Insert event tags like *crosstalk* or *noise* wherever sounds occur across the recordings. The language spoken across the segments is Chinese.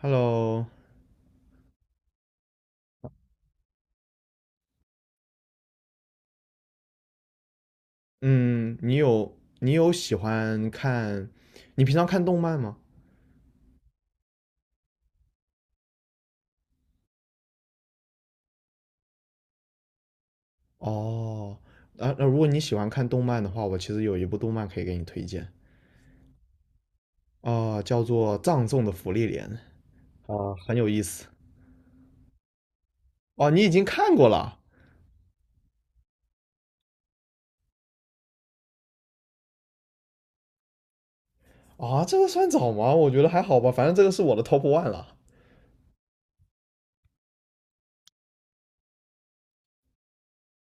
Hello，嗯，你有喜欢看，你平常看动漫吗？哦，啊，那如果你喜欢看动漫的话，我其实有一部动漫可以给你推荐，啊，叫做《葬送的芙莉莲》，啊，很有意思。哦，你已经看过了啊？这个算早吗？我觉得还好吧，反正这个是我的 top one 了。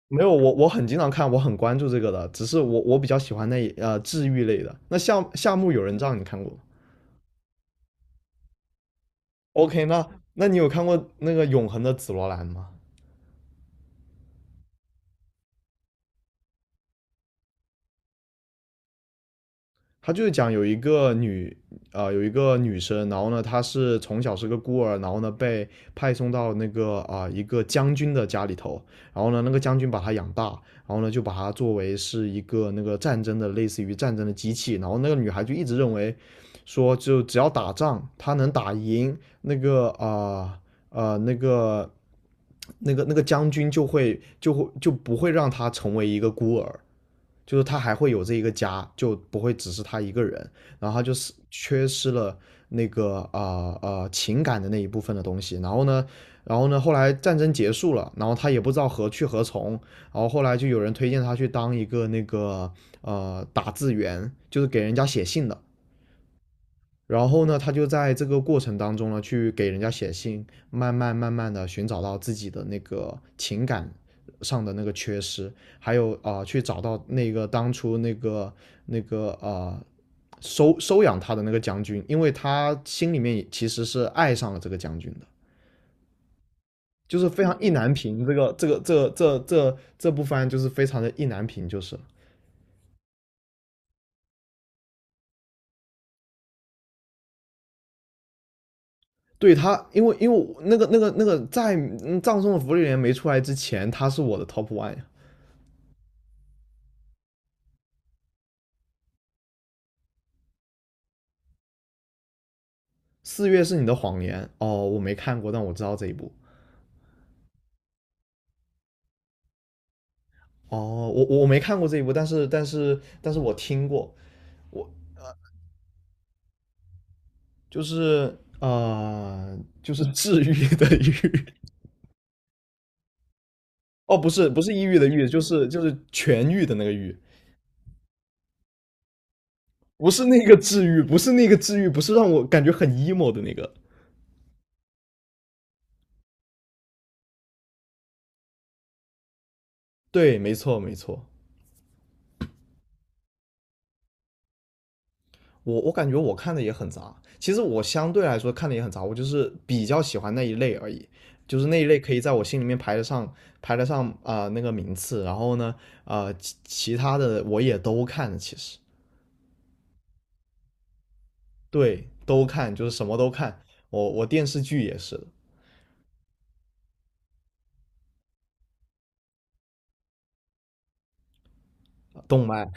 没有，我很经常看，我很关注这个的，只是我比较喜欢那一治愈类的。那夏目友人帐你看过？ o k， 那你有看过那个《永恒的紫罗兰》吗？他就是讲有一个女生。然后呢，她是从小是个孤儿，然后呢被派送到那个一个将军的家里头，然后呢那个将军把她养大，然后呢就把她作为是一个那个战争的类似于战争的机器。然后那个女孩就一直认为说就只要打仗，她能打赢那个呃呃那个那个将军就不会让她成为一个孤儿，就是他还会有这一个家，就不会只是他一个人。然后他就是缺失了那个情感的那一部分的东西。然后呢，后来战争结束了，然后他也不知道何去何从，然后后来就有人推荐他去当一个那个打字员，就是给人家写信的。然后呢，他就在这个过程当中呢，去给人家写信，慢慢慢慢的寻找到自己的那个情感上的那个缺失，还有去找到那个当初那个收养他的那个将军，因为他心里面其实是爱上了这个将军的，就是非常意难平。这部番就是非常的意难平，就是。对。他，因为在葬送的福利莲》没出来之前，他是我的 top one，呀。四月是你的谎言哦，我没看过，但我知道这一部。哦，我没看过这一部，但是我听过。我就是呃就是治愈的愈。 *laughs* 哦，不是抑郁的郁，就是痊愈的那个愈，不是那个治愈，不是那个治愈，不是让我感觉很 emo 的那个。对，没错没错，我感觉我看的也很杂，其实我相对来说看的也很杂，我就是比较喜欢那一类而已，就是那一类可以在我心里面排得上那个名次。然后呢，其他的我也都看，其实对都看，就是什么都看，我电视剧也是的。动漫。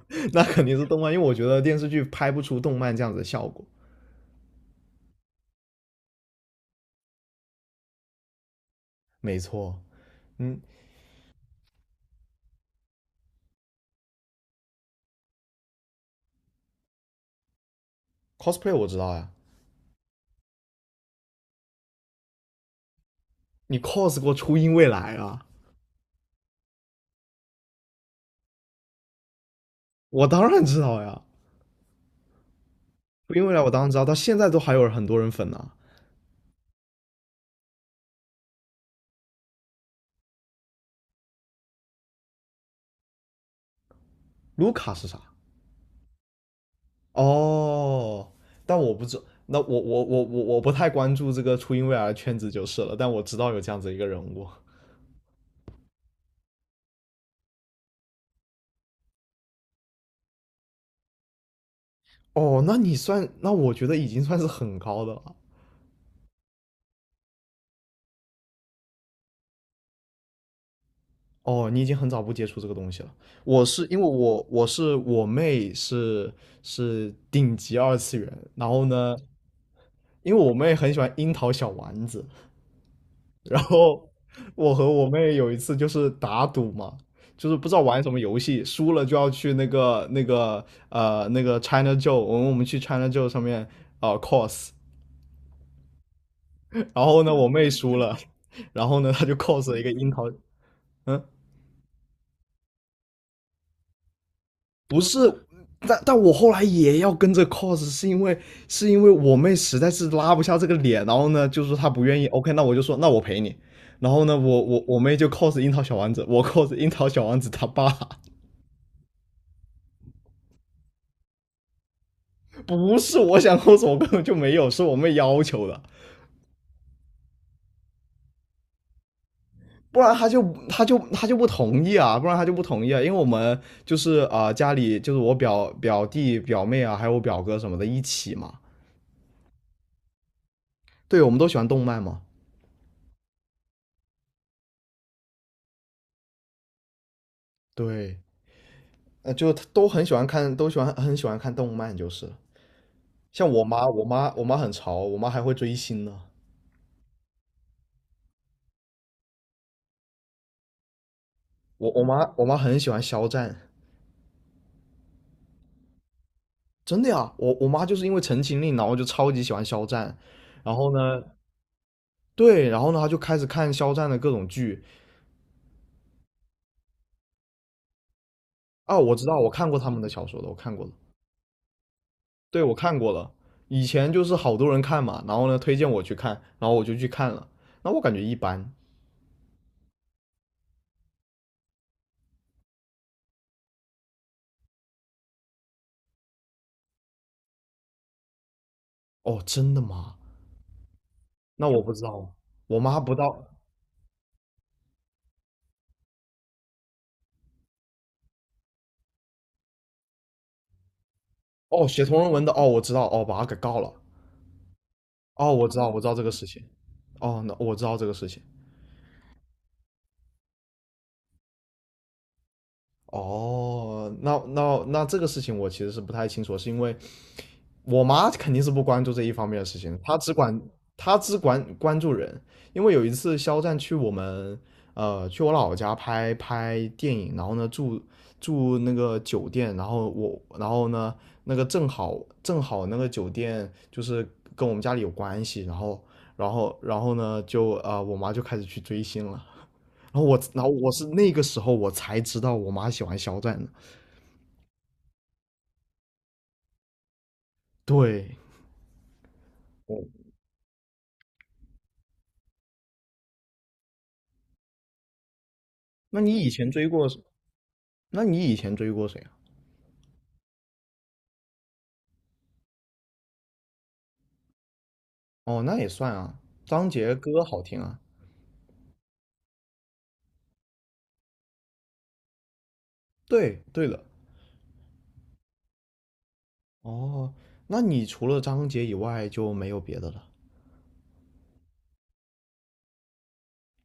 *laughs* 那肯定是动漫，因为我觉得电视剧拍不出动漫这样子的效果。没错。嗯，cosplay 我知道呀，你 cos 过初音未来啊？我当然知道呀。初音未来我当然知道，到现在都还有很多人粉呢、啊。卢卡是啥？哦，但我不知。那我不太关注这个初音未来的圈子就是了，但我知道有这样子一个人物。哦，那你算，那我觉得已经算是很高的了。哦，你已经很早不接触这个东西了。我是因为我妹是顶级二次元。然后呢，因为我妹很喜欢樱桃小丸子，然后我和我妹有一次就是打赌嘛，就是不知道玩什么游戏，输了就要去那个 China Joe，我们去 China Joe 上面cos。然后呢我妹输了，然后呢她就 cos 了一个樱桃。嗯，不是，但我后来也要跟着 cos，是因为我妹实在是拉不下这个脸，然后呢就说她不愿意。OK，那我就说那我陪你，然后呢我妹就 cos 樱桃小丸子，我 cos 樱桃小丸子他爸。不是我想抠手，我根本就没有，是我妹要求的，不然她就不同意啊，不然她就不同意啊。因为我们就是家里就是我表弟表妹啊，还有我表哥什么的一起嘛。对，我们都喜欢动漫嘛。对，就都很喜欢看，都喜欢很喜欢看动漫，就是像我妈。我妈很潮，我妈还会追星呢。我妈很喜欢肖战。真的呀，我妈就是因为《陈情令》，然后就超级喜欢肖战。然后呢，对，然后呢，他就开始看肖战的各种剧。啊，我知道，我看过他们的小说的，我看过了。对，我看过了。以前就是好多人看嘛，然后呢推荐我去看，然后我就去看了，那我感觉一般。哦，真的吗？那我不知道，我妈不知道。哦，写同人文的。哦，我知道。哦，把他给告了。哦，我知道，我知道这个事情。哦，那我知道这个事情。哦，那这个事情我其实是不太清楚，是因为我妈肯定是不关注这一方面的事情，她只管关注人。因为有一次肖战去我老家拍拍电影，然后呢住那个酒店，然后我然后呢那个正好那个酒店就是跟我们家里有关系，然后呢就我妈就开始去追星了。然后我是那个时候我才知道我妈喜欢肖战的。对，哦，那你以前追过那你以前追过谁啊？哦，那也算啊，张杰歌好听啊。对，对的。哦，那你除了张杰以外就没有别的了，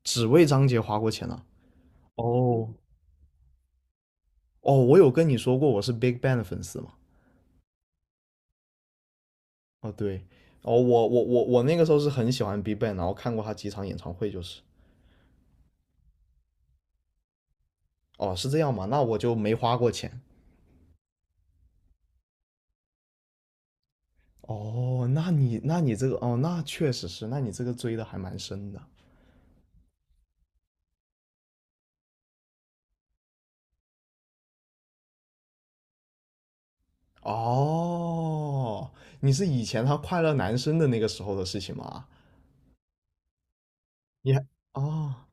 只为张杰花过钱了。哦，哦，我有跟你说过我是 Big Bang 的粉丝吗？哦，对，哦，我那个时候是很喜欢 Big Bang，然后看过他几场演唱会，就是。哦，是这样吗？那我就没花过钱。哦，那你这个哦，那确实是，那你这个追的还蛮深的。哦，你是以前他快乐男生的那个时候的事情吗？你还哦，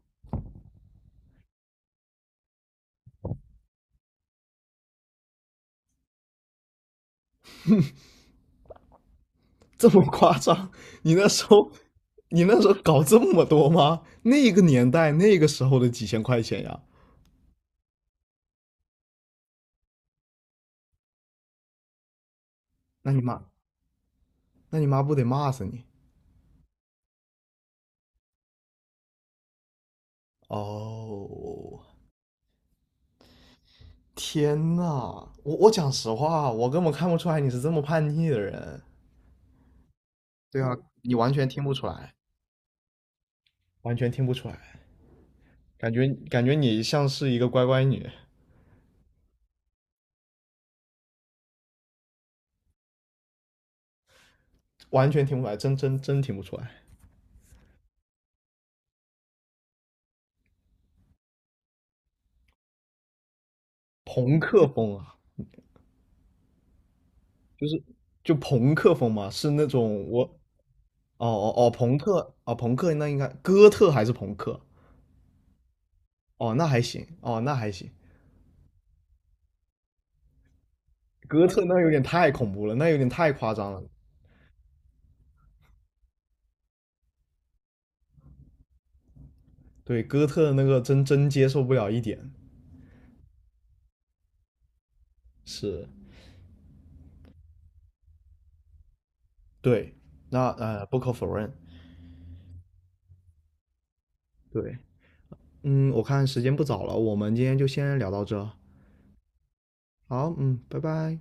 *laughs* 这么夸张？*laughs* 你那时候，你那时候搞这么多吗？那个年代，那个时候的几千块钱呀，那你妈，那你妈不得骂死你？哦，天呐，我讲实话，我根本看不出来你是这么叛逆的人。对啊，你完全听不出来，完全听不出来，感觉你像是一个乖乖女，完全听不出来，真听不出来。朋克风啊，就是朋克风嘛，是那种我哦哦哦，朋克啊，朋克那应该哥特还是朋克？哦，那还行，哦，那还行。哥特那有点太恐怖了，那有点太夸张了。对，哥特那个真真接受不了一点。是，对，那不可否认。对，我看时间不早了，我们今天就先聊到这。好，拜拜。